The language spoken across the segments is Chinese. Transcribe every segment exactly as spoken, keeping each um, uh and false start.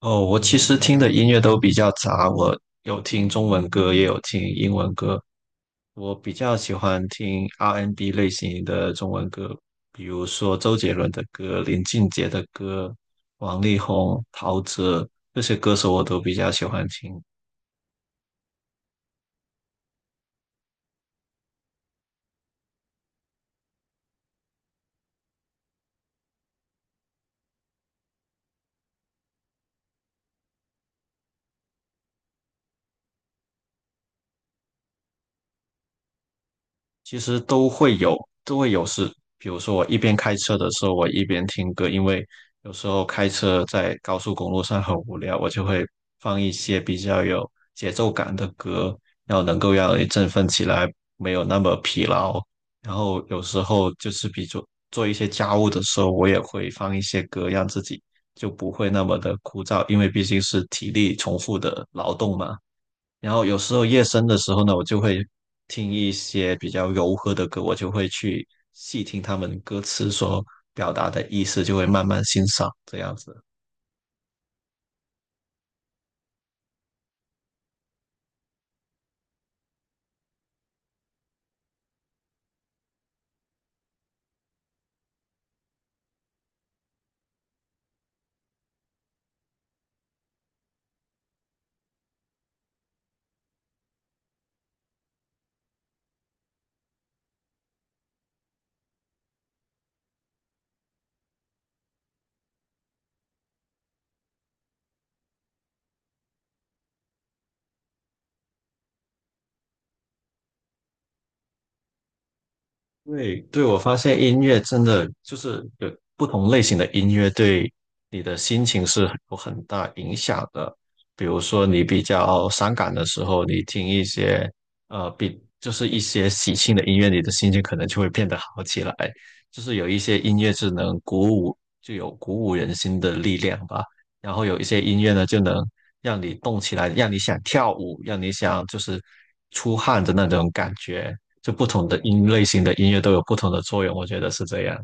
哦，我其实听的音乐都比较杂，我有听中文歌，也有听英文歌。我比较喜欢听 R and B n 类型的中文歌，比如说周杰伦的歌、林俊杰的歌、王力宏、陶喆这些歌手，我都比较喜欢听。其实都会有，都会有事。比如说，我一边开车的时候，我一边听歌，因为有时候开车在高速公路上很无聊，我就会放一些比较有节奏感的歌，然后能够让人振奋起来，没有那么疲劳。然后有时候就是比做做一些家务的时候，我也会放一些歌，让自己就不会那么的枯燥，因为毕竟是体力重复的劳动嘛。然后有时候夜深的时候呢，我就会听一些比较柔和的歌，我就会去细听他们歌词所表达的意思，就会慢慢欣赏这样子。对对，我发现音乐真的就是有不同类型的音乐对你的心情是有很大影响的。比如说你比较伤感的时候，你听一些呃比就是一些喜庆的音乐，你的心情可能就会变得好起来。就是有一些音乐是能鼓舞，就有鼓舞人心的力量吧。然后有一些音乐呢，就能让你动起来，让你想跳舞，让你想就是出汗的那种感觉。就不同的音类型的音乐都有不同的作用，我觉得是这样。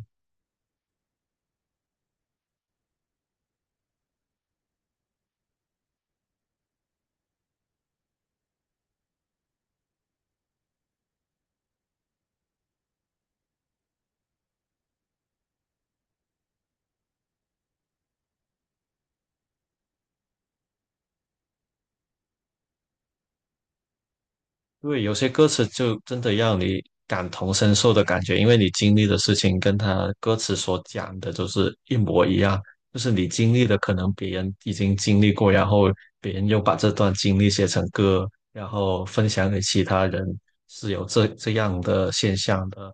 因为有些歌词就真的让你感同身受的感觉，因为你经历的事情跟他歌词所讲的都是一模一样，就是你经历的可能别人已经经历过，然后别人又把这段经历写成歌，然后分享给其他人，是有这这样的现象的。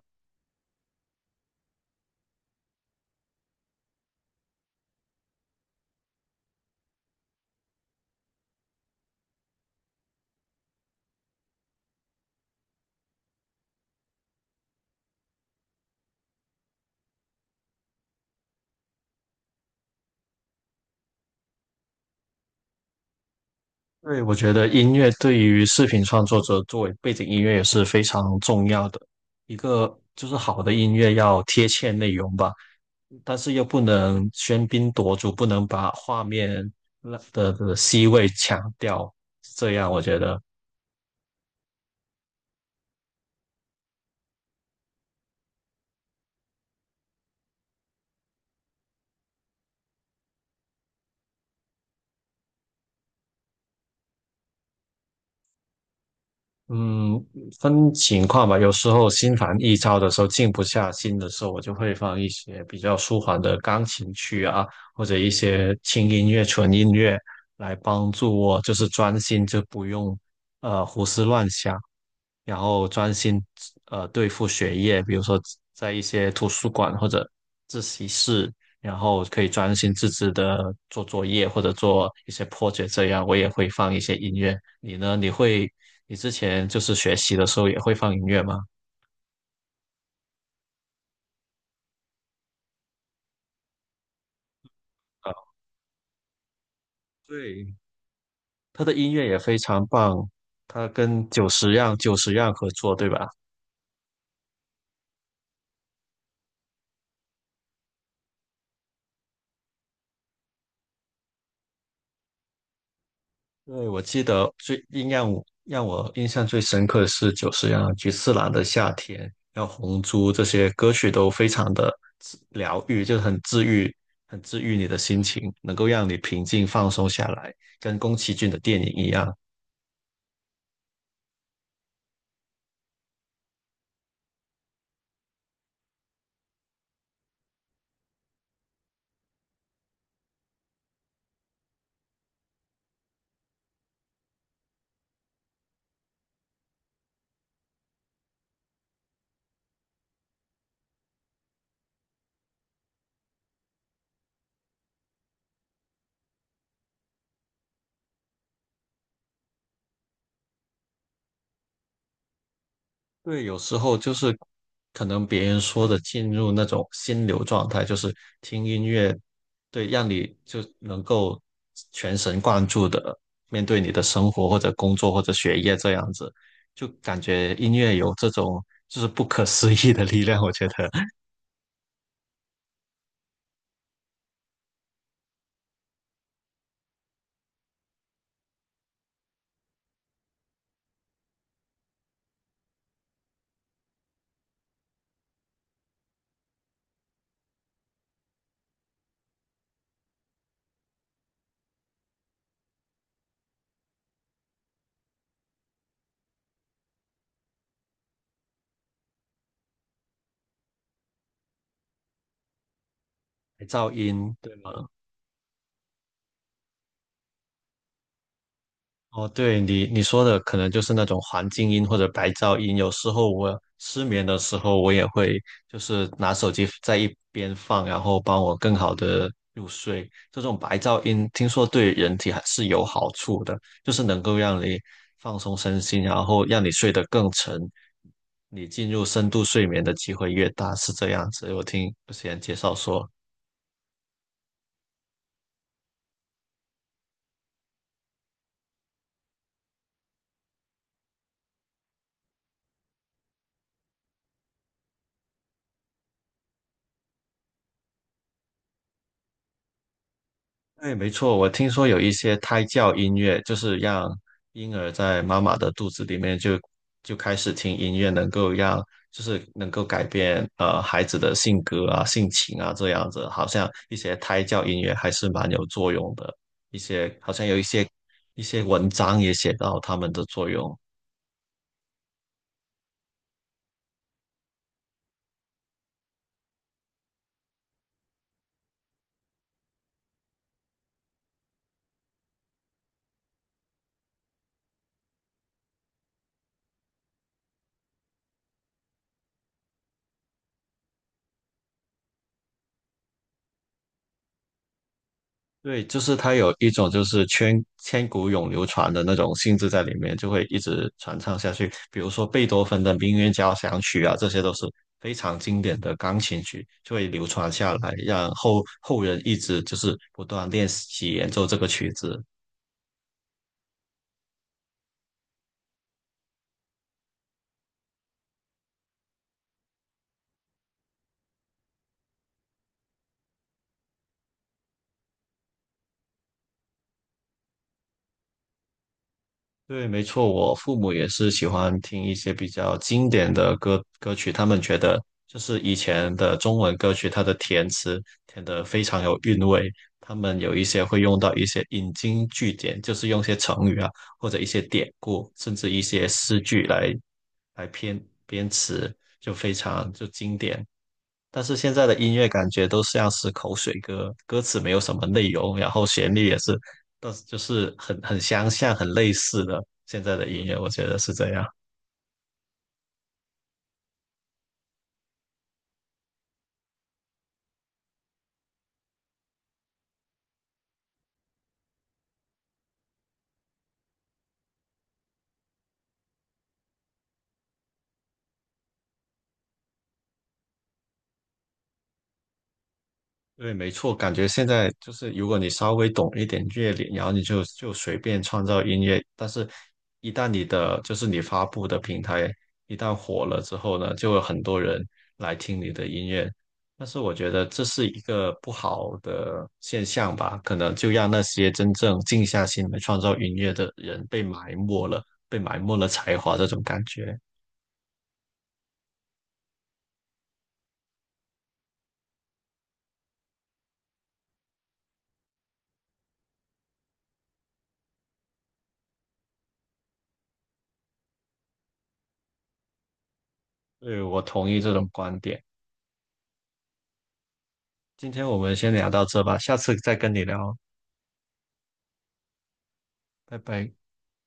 对，我觉得音乐对于视频创作者作为背景音乐也是非常重要的。一个就是好的音乐要贴切内容吧，但是又不能喧宾夺主，不能把画面的的 C 位抢掉。这样我觉得，嗯，分情况吧。有时候心烦意躁的时候，静不下心的时候，我就会放一些比较舒缓的钢琴曲啊，或者一些轻音乐、纯音乐来帮助我，就是专心，就不用呃胡思乱想。然后专心呃对付学业，比如说在一些图书馆或者自习室，然后可以专心致志的做作业或者做一些破解。这样。我也会放一些音乐，你呢？你会你之前就是学习的时候也会放音乐吗？啊，对，他的音乐也非常棒，他跟久石让久石让合作，对吧？对，我记得最印让我让我印象最深刻的是久石让、菊次郎的《夏天》，还有《红猪》这些歌曲都非常的治疗愈，就是很治愈，很治愈你的心情，能够让你平静放松下来，跟宫崎骏的电影一样。对，有时候就是可能别人说的进入那种心流状态，就是听音乐，对，让你就能够全神贯注的面对你的生活或者工作或者学业这样子，就感觉音乐有这种就是不可思议的力量，我觉得 噪音，对吗？哦，对你你说的可能就是那种环境音或者白噪音。有时候我失眠的时候，我也会就是拿手机在一边放，然后帮我更好的入睡。这种白噪音听说对人体还是有好处的，就是能够让你放松身心，然后让你睡得更沉，你进入深度睡眠的机会越大，是这样子。我听之前介绍说。对，没错，我听说有一些胎教音乐，就是让婴儿在妈妈的肚子里面就就开始听音乐，能够让就是能够改变呃孩子的性格啊、性情啊这样子，好像一些胎教音乐还是蛮有作用的。一些好像有一些一些文章也写到他们的作用。对，就是它有一种就是千千古永流传的那种性质在里面，就会一直传唱下去。比如说贝多芬的《命运交响曲》啊，这些都是非常经典的钢琴曲，就会流传下来，让后后人一直就是不断练习演奏这个曲子。对，没错，我父母也是喜欢听一些比较经典的歌歌曲，他们觉得就是以前的中文歌曲，它的填词填得非常有韵味，他们有一些会用到一些引经据典，就是用一些成语啊，或者一些典故，甚至一些诗句来来编编词，就非常就经典。但是现在的音乐感觉都像是口水歌，歌词没有什么内容，然后旋律也是，但是就是很很相像、很类似的现在的音乐，我觉得是这样。对，没错，感觉现在就是，如果你稍微懂一点乐理，然后你就就随便创造音乐，但是，一旦你的就是你发布的平台一旦火了之后呢，就有很多人来听你的音乐，但是我觉得这是一个不好的现象吧，可能就让那些真正静下心来创造音乐的人被埋没了，被埋没了才华这种感觉。对，我同意这种观点。今天我们先聊到这吧，下次再跟你聊，拜拜。